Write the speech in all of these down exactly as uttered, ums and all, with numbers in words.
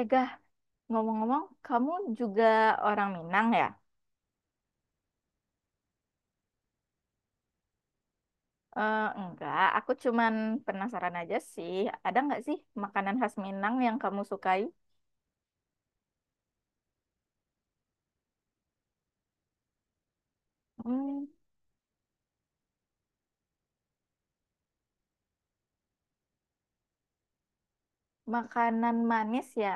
Ega, ngomong-ngomong, kamu juga orang Minang ya? Eh, enggak, aku cuman penasaran aja sih. Ada nggak sih makanan khas Minang yang kamu sukai? Hmm, makanan manis ya?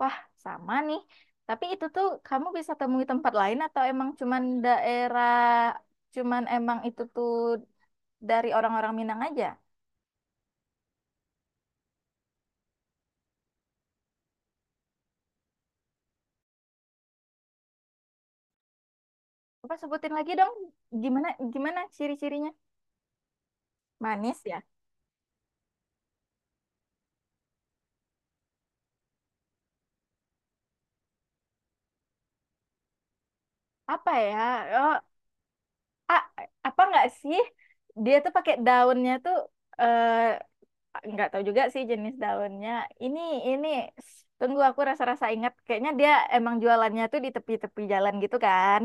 Wah, sama nih. Tapi itu tuh kamu bisa temui tempat lain atau emang cuman daerah, cuman emang itu tuh dari orang-orang Minang aja? Apa sebutin lagi dong, gimana gimana ciri-cirinya? Manis ya? Apa ya? Oh, ah, apa nggak sih dia tuh pakai daunnya tuh, eh nggak tahu juga sih jenis daunnya ini ini tunggu, aku rasa-rasa ingat kayaknya dia emang jualannya tuh di tepi-tepi jalan gitu kan.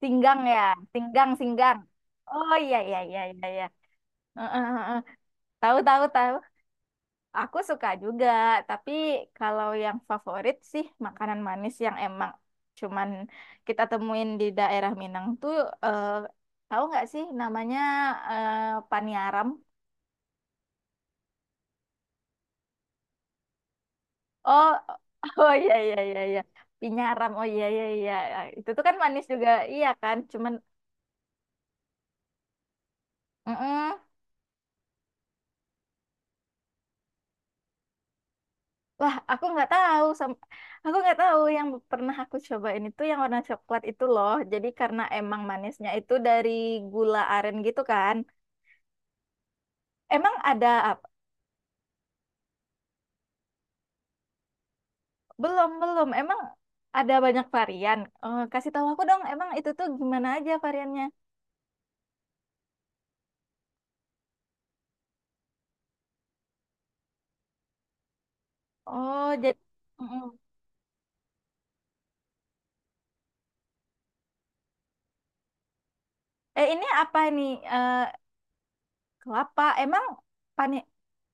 Singgang ya. Singgang singgang. Oh iya iya iya iya iya. Heeh, heeh, heeh. Tahu tahu tahu. Aku suka juga, tapi kalau yang favorit sih makanan manis yang emang cuman kita temuin di daerah Minang tuh, eh, tahu nggak sih namanya, eh, paniaram? Oh, oh iya iya iya iya. Pinyaram. Oh iya iya iya. Itu tuh kan manis juga, iya kan? Cuman mm-mm. Wah, aku nggak tahu sam- aku nggak tahu, yang pernah aku cobain itu yang warna coklat itu loh. Jadi karena emang manisnya itu dari gula aren gitu kan. Emang ada apa? Belum, belum. Emang ada banyak varian. Eh, kasih tahu aku dong, emang itu tuh gimana aja variannya? Oh, jadi mm-mm. Eh, ini apa nih? Eh, kelapa. Emang pani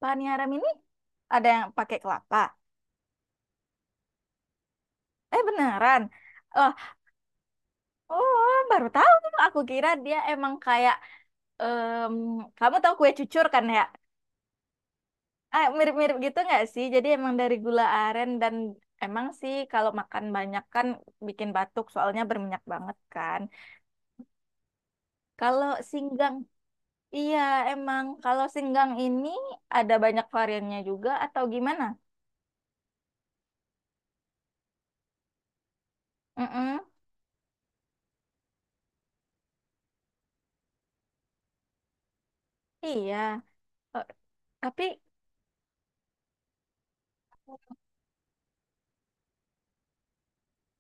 paniharam ini ada yang pakai kelapa? Eh, beneran. Oh, oh, baru tahu. Aku kira dia emang kayak em, kamu tahu kue cucur kan ya? Ah, mirip-mirip gitu nggak sih? Jadi emang dari gula aren dan emang sih kalau makan banyak kan bikin batuk soalnya berminyak banget kan. Kalau singgang, iya emang kalau singgang ini ada banyak variannya juga atau gimana? Mm-mm, iya. Eh, tapi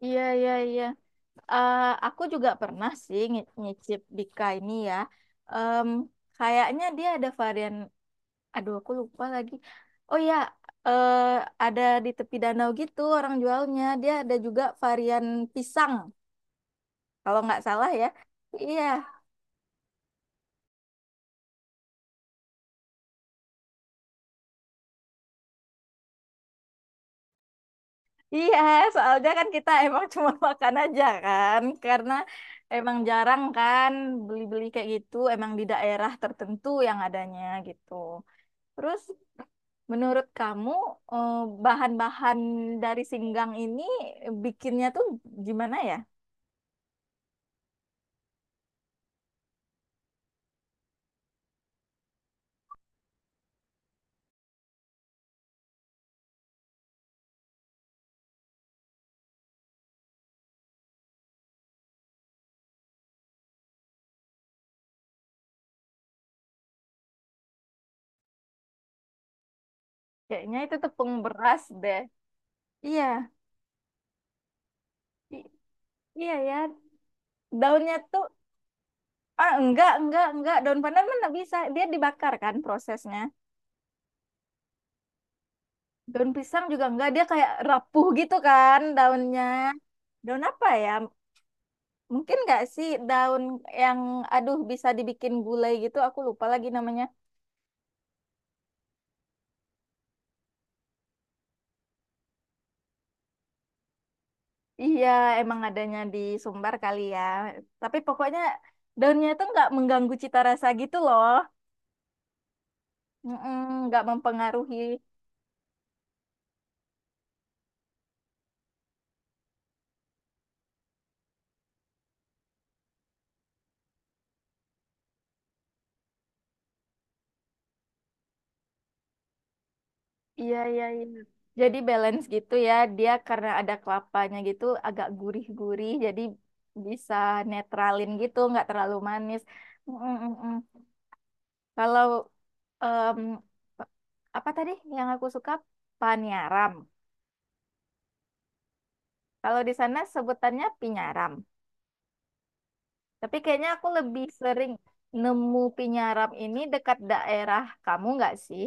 iya iya iya. Eh, aku juga pernah sih ngi- nyicip Bika ini ya. Em, Kayaknya dia ada varian. Aduh, aku lupa lagi. Oh ya, eh, ada di tepi danau gitu orang jualnya. Dia ada juga varian pisang, kalau nggak salah ya. Iya, iya. Soalnya kan kita emang cuma makan aja kan, karena emang jarang kan beli-beli kayak gitu. Emang di daerah tertentu yang adanya gitu. Terus menurut kamu, eh, bahan-bahan dari singgang ini bikinnya tuh gimana ya? Kayaknya itu tepung beras deh. Iya. Iya ya, daunnya tuh ah, enggak enggak enggak, daun pandan mana bisa dia dibakar kan prosesnya. Daun pisang juga enggak, dia kayak rapuh gitu kan daunnya. Daun apa ya? Mungkin enggak sih daun yang aduh bisa dibikin gulai gitu, aku lupa lagi namanya. Iya, emang adanya di Sumbar kali ya. Tapi pokoknya daunnya tuh enggak mengganggu cita rasa gitu loh. Mm-mm, enggak mempengaruhi. Iya, iya, iya. Jadi balance gitu ya. Dia karena ada kelapanya gitu agak gurih-gurih jadi bisa netralin gitu, nggak terlalu manis. Mm, mm, mm, mm. Kalau em, apa tadi yang aku suka, panyaram. Kalau di sana sebutannya pinyaram. Tapi kayaknya aku lebih sering nemu pinyaram ini dekat daerah kamu nggak sih?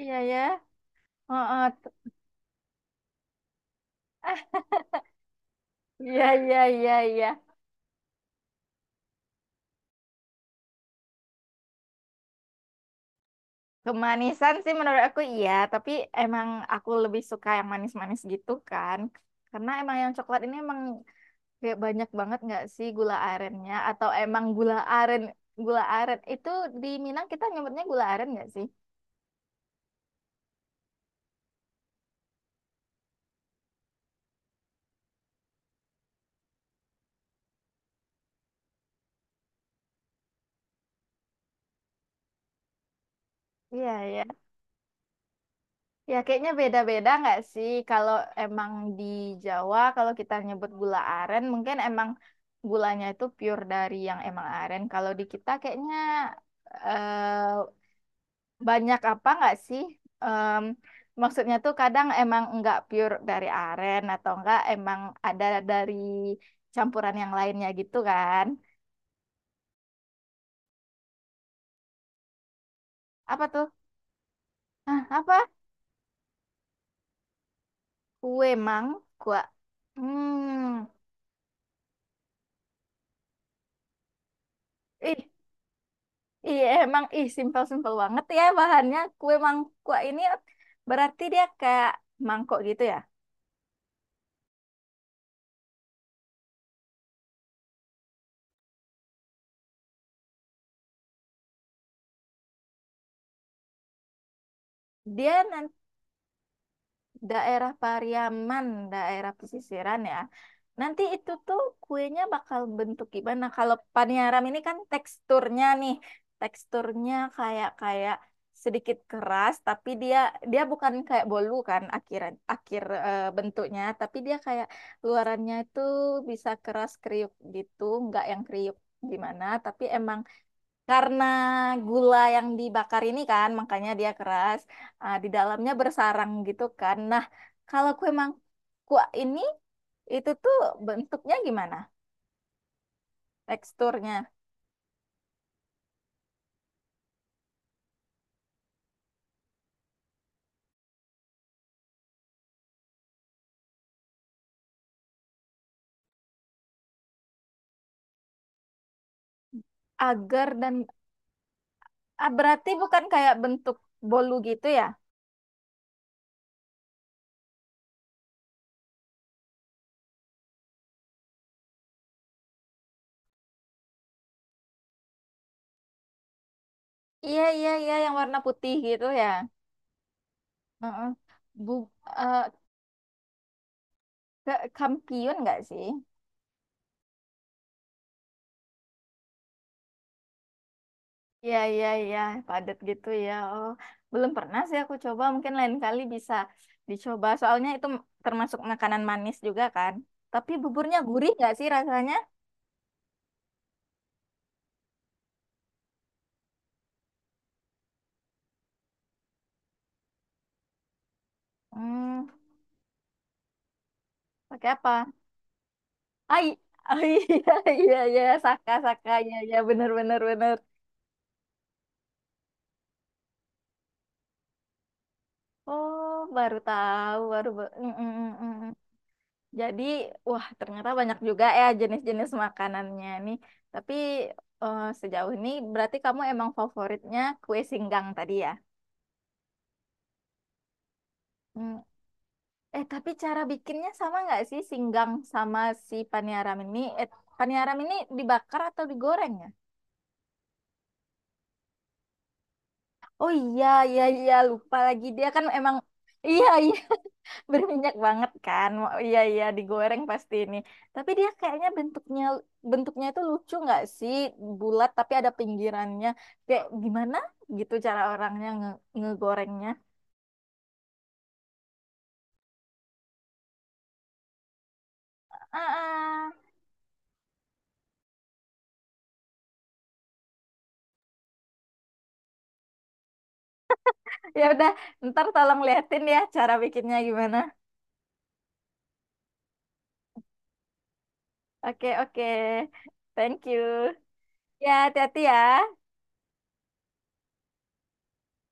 Iya ya. Heeh. Ah, iya iya iya iya. Kemanisan sih menurut aku iya, tapi emang aku lebih suka yang manis-manis gitu kan. Karena emang yang coklat ini emang kayak banyak banget nggak sih gula arennya, atau emang gula aren gula aren itu di Minang kita nyebutnya gula aren nggak sih? Iya ya. Ya kayaknya beda-beda nggak sih, kalau emang di Jawa kalau kita nyebut gula aren mungkin emang gulanya itu pure dari yang emang aren. Kalau di kita kayaknya eh banyak apa nggak sih? Em, maksudnya tuh kadang emang nggak pure dari aren, atau enggak emang ada dari campuran yang lainnya gitu kan? Apa tuh? Hah, apa? Kue mangkuk. Hmm, ih, iya emang ih simpel-simpel banget ya bahannya. Kue mangkuk ini berarti dia kayak mangkok gitu ya? Dia nan- daerah Pariaman, daerah pesisiran ya. Nanti itu tuh kuenya bakal bentuk gimana? Kalau paniaram ini kan teksturnya nih, teksturnya kayak kayak sedikit keras, tapi dia dia bukan kayak bolu kan akhiran akhir eh, bentuknya, tapi dia kayak luarannya itu bisa keras kriuk gitu, nggak yang kriuk gimana, tapi emang karena gula yang dibakar ini kan, makanya dia keras. Ah, di dalamnya bersarang gitu kan. Nah, kalau kue mangkuk ini, itu tuh bentuknya gimana? Teksturnya. Agar dan... Ah, berarti bukan kayak bentuk bolu gitu ya? Iya, iya, iya. Yang warna putih gitu ya. Heeh. Bu, eh, ke- kampiun nggak sih? Iya, iya, iya, padat gitu ya. Oh, belum pernah sih aku coba. Mungkin lain kali bisa dicoba. Soalnya itu termasuk makanan manis juga kan. Tapi buburnya gurih nggak sih rasanya? Hmm, pakai apa? Ai, oh, iya, iya, iya, saka, saka, iya, iya, bener, bener, bener. Oh, baru tahu, baru. Ba- mm, mm, mm, mm, mm. Jadi, wah, ternyata banyak juga ya jenis-jenis makanannya nih. Tapi eh, sejauh ini berarti kamu emang favoritnya kue singgang tadi ya? Hmm. Eh, tapi cara bikinnya sama nggak sih singgang sama si paniaram ini? Eh, paniaram ini dibakar atau digoreng ya? Oh iya, iya, iya, lupa lagi. Dia kan emang, iya, iya, berminyak banget kan. Wah, iya, iya, digoreng pasti ini. Tapi dia kayaknya bentuknya, bentuknya itu lucu nggak sih? Bulat tapi ada pinggirannya. Kayak gimana gitu cara orangnya nge ngegorengnya? Ah, ah. Ya udah, ntar tolong liatin ya cara bikinnya gimana. Oke, oke. Thank you. Ya, hati-hati ya.